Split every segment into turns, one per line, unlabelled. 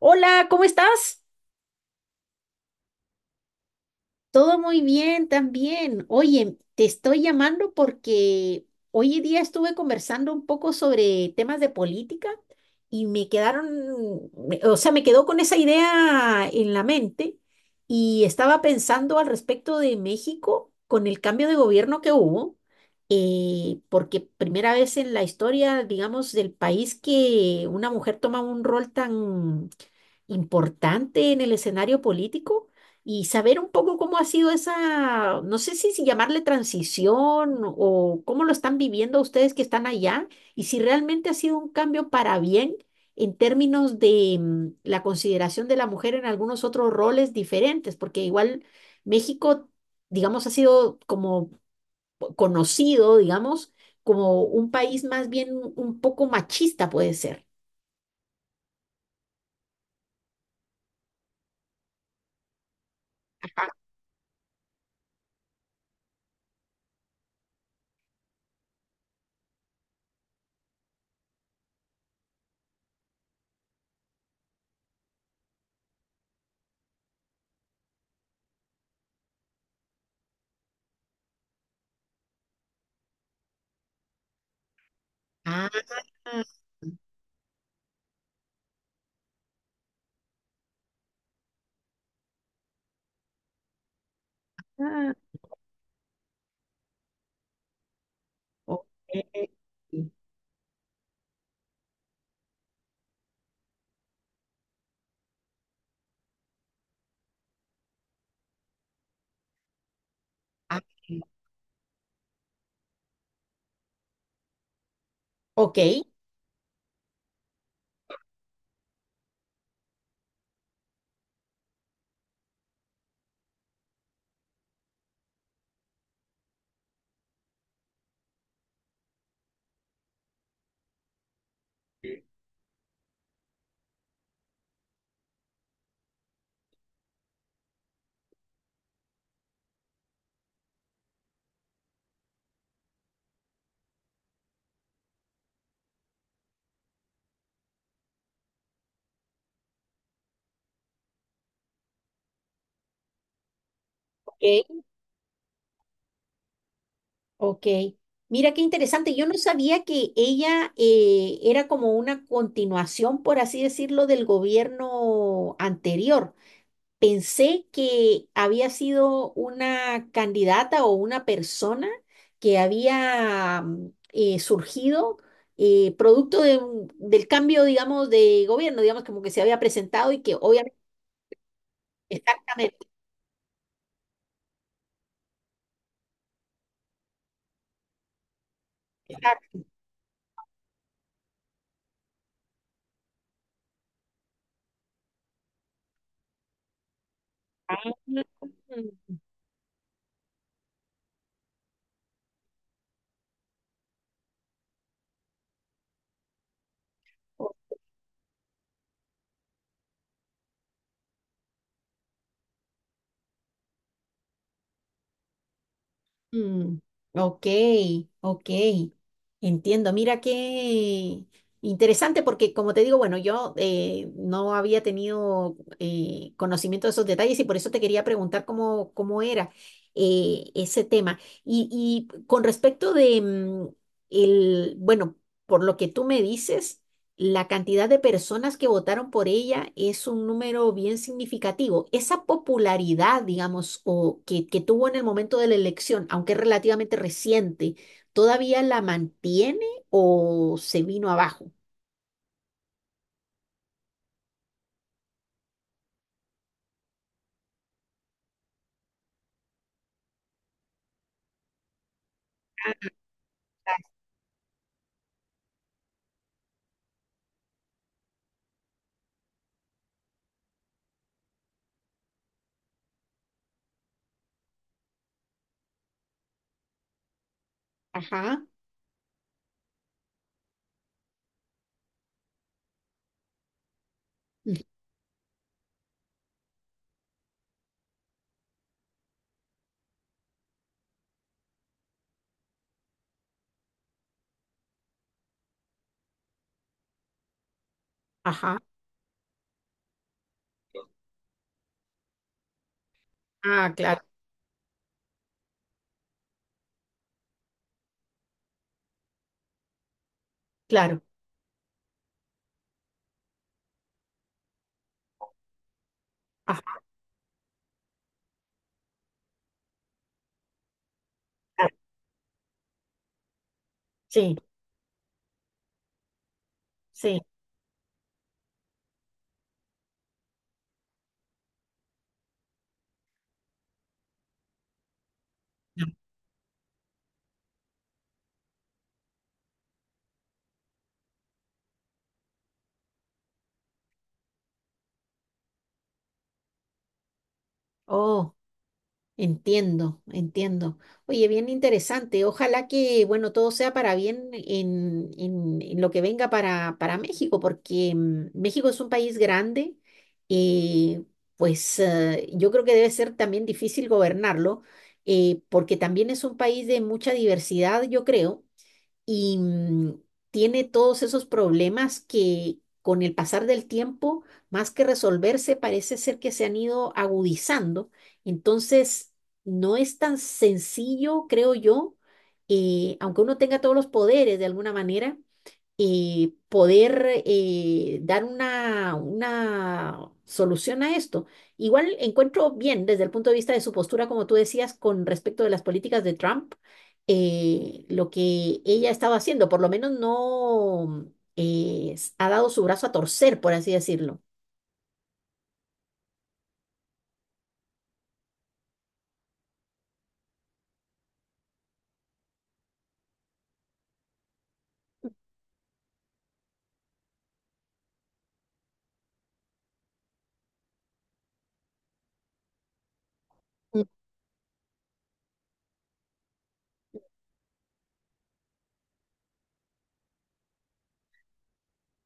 Hola, ¿cómo estás? Todo muy bien también. Oye, te estoy llamando porque hoy en día estuve conversando un poco sobre temas de política y me quedaron, me- o sea, me quedó con esa idea en la mente y estaba pensando al respecto de México con el cambio de gobierno que hubo, porque primera vez en la historia, digamos, del país que una mujer toma un rol tan importante en el escenario político. Y saber un poco cómo ha sido esa, no sé si llamarle transición o cómo lo están viviendo ustedes que están allá, y si realmente ha sido un cambio para bien en términos de la consideración de la mujer en algunos otros roles diferentes, porque igual México, digamos, ha sido como conocido, digamos, como un país más bien un poco machista puede ser. Ah. O-. Ok, ok. Ok, mira qué interesante. Yo no sabía que ella era como una continuación, por así decirlo, del gobierno anterior. Pensé que había sido una candidata o una persona que había surgido producto de del cambio, digamos, de gobierno, digamos, como que se había presentado y que obviamente… Exactamente. Exacto. Mm. Mm, ok, ok, entiendo. Mira qué interesante porque como te digo, bueno, yo no había tenido conocimiento de esos detalles y por eso te quería preguntar cómo era ese tema. Y con respecto de el, bueno, por lo que tú me dices. La cantidad de personas que votaron por ella es un número bien significativo. Esa popularidad, digamos, que tuvo en el momento de la elección, aunque es relativamente reciente, ¿todavía la mantiene o se vino abajo? Ajá. Mm. Ajá. Ah, claro, claro. Ajá, claro. Sí, sí. No. Oh. Entiendo, entiendo. Oye, bien interesante. Ojalá que, bueno, todo sea para bien en, en lo que venga para México, porque México es un país grande, y pues yo creo que debe ser también difícil gobernarlo, porque también es un país de mucha diversidad, yo creo, y tiene todos esos problemas que, con el pasar del tiempo, más que resolverse, parece ser que se han ido agudizando. Entonces, no es tan sencillo, creo yo, aunque uno tenga todos los poderes de alguna manera, poder dar una solución a esto. Igual encuentro bien desde el punto de vista de su postura, como tú decías, con respecto de las políticas de Trump, lo que ella estaba haciendo, por lo menos no ha dado su brazo a torcer, por así decirlo. Mm.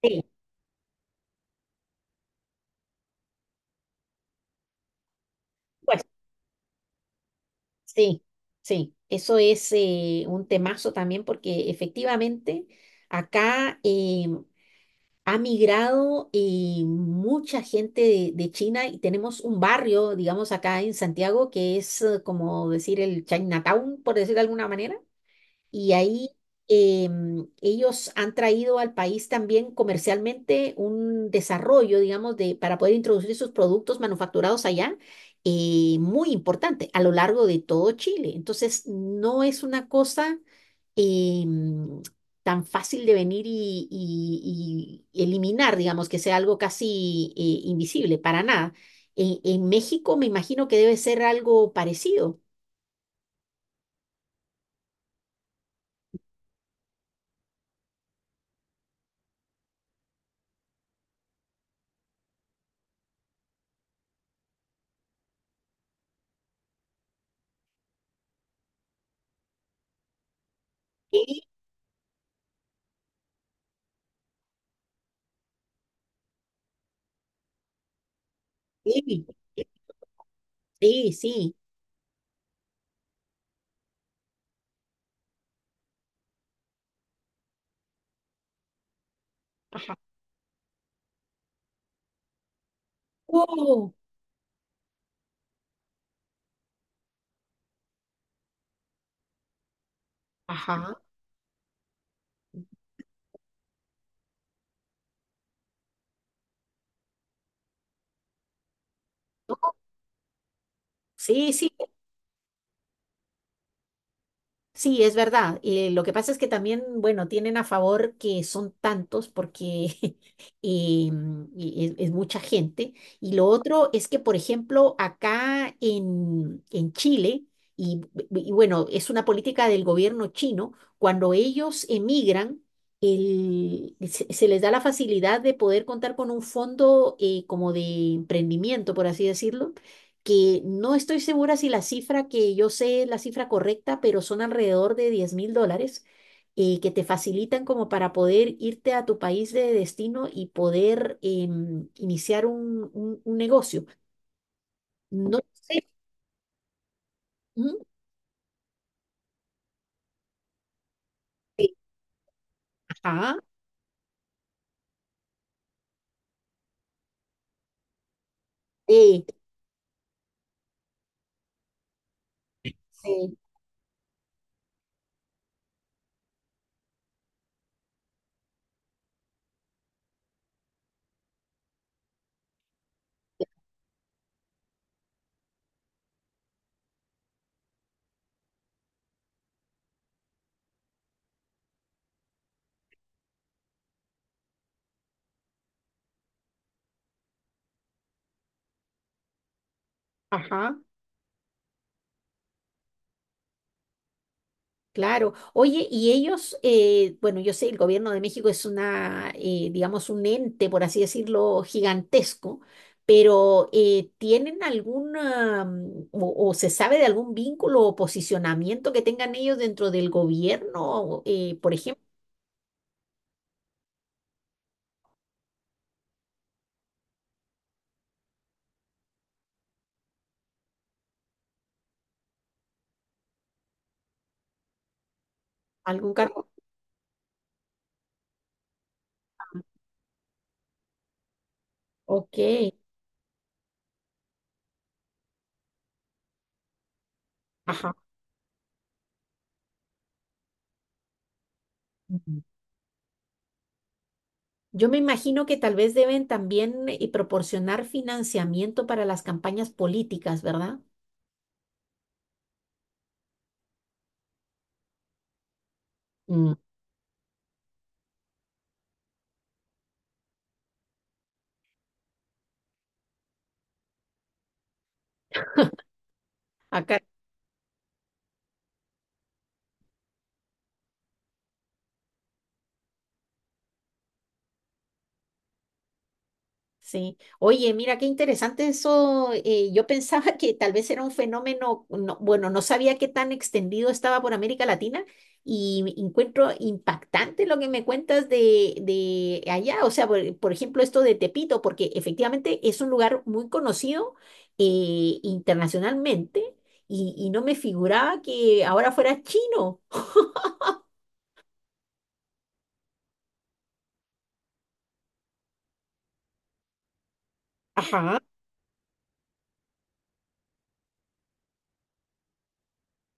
Sí, pues sí, sí, eso es un temazo también porque efectivamente acá, ha migrado mucha gente de China, y tenemos un barrio, digamos, acá en Santiago, que es como decir el Chinatown, por decir de alguna manera, y ahí ellos han traído al país también comercialmente un desarrollo, digamos, de, para poder introducir sus productos manufacturados allá. Muy importante a lo largo de todo Chile. Entonces, no es una cosa eh, mm, tan fácil de venir y, y eliminar, digamos, que sea algo casi invisible, para nada. En México me imagino que debe ser algo parecido. Sí, sí, sí. Sí. Ajá. Oh, ajá. No. Sí, sí. Sí, es verdad. Lo que pasa es que también, bueno, tienen a favor que son tantos porque y es mucha gente. Y lo otro es que, por ejemplo, acá en Chile, y, y bueno, es una política del gobierno chino, cuando ellos emigran, se, se les da la facilidad de poder contar con un fondo como de emprendimiento, por así decirlo, que no estoy segura si la cifra que yo sé es la cifra correcta, pero son alrededor de 10.000 dólares que te facilitan como para poder irte a tu país de destino y poder iniciar un, un negocio. No sé. mm, eh, Ajá. eh, sí, ajá. Claro. Oye, y ellos, bueno, yo sé, el gobierno de México es una, digamos, un ente, por así decirlo, gigantesco, pero ¿tienen alguna, o se sabe de algún vínculo o posicionamiento que tengan ellos dentro del gobierno? Por ejemplo, algún cargo. Ok, ajá. Ujú. Yo me imagino que tal vez deben también proporcionar financiamiento para las campañas políticas, ¿verdad? Mm. Acá. Sí, oye, mira qué interesante eso. Eh, yo pensaba que tal vez era un fenómeno, bueno, no sabía qué tan extendido estaba por América Latina, y encuentro impactante lo que me cuentas de allá. O sea, por ejemplo, esto de Tepito, porque efectivamente es un lugar muy conocido internacionalmente, y no me figuraba que ahora fuera chino. Ajá,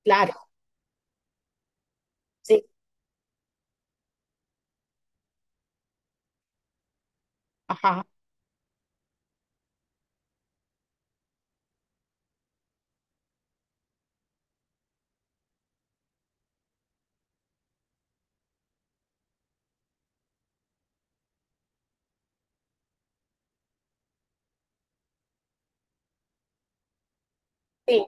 claro, sí, ajá, sí,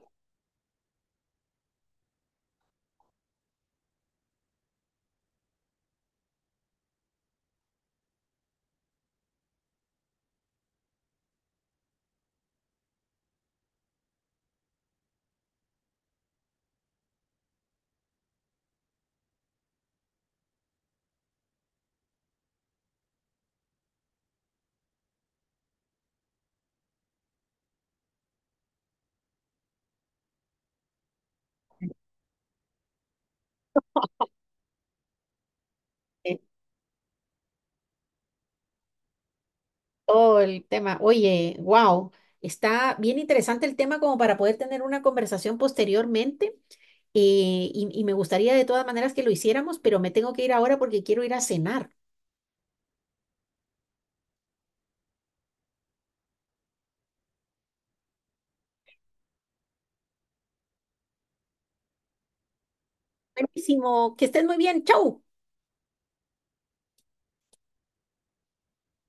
sí. Oh, el tema. Oye, wow, está bien interesante el tema como para poder tener una conversación posteriormente. Eh, y me gustaría de todas maneras que lo hiciéramos, pero me tengo que ir ahora porque quiero ir a cenar. Buenísimo, que estés muy bien. Chau.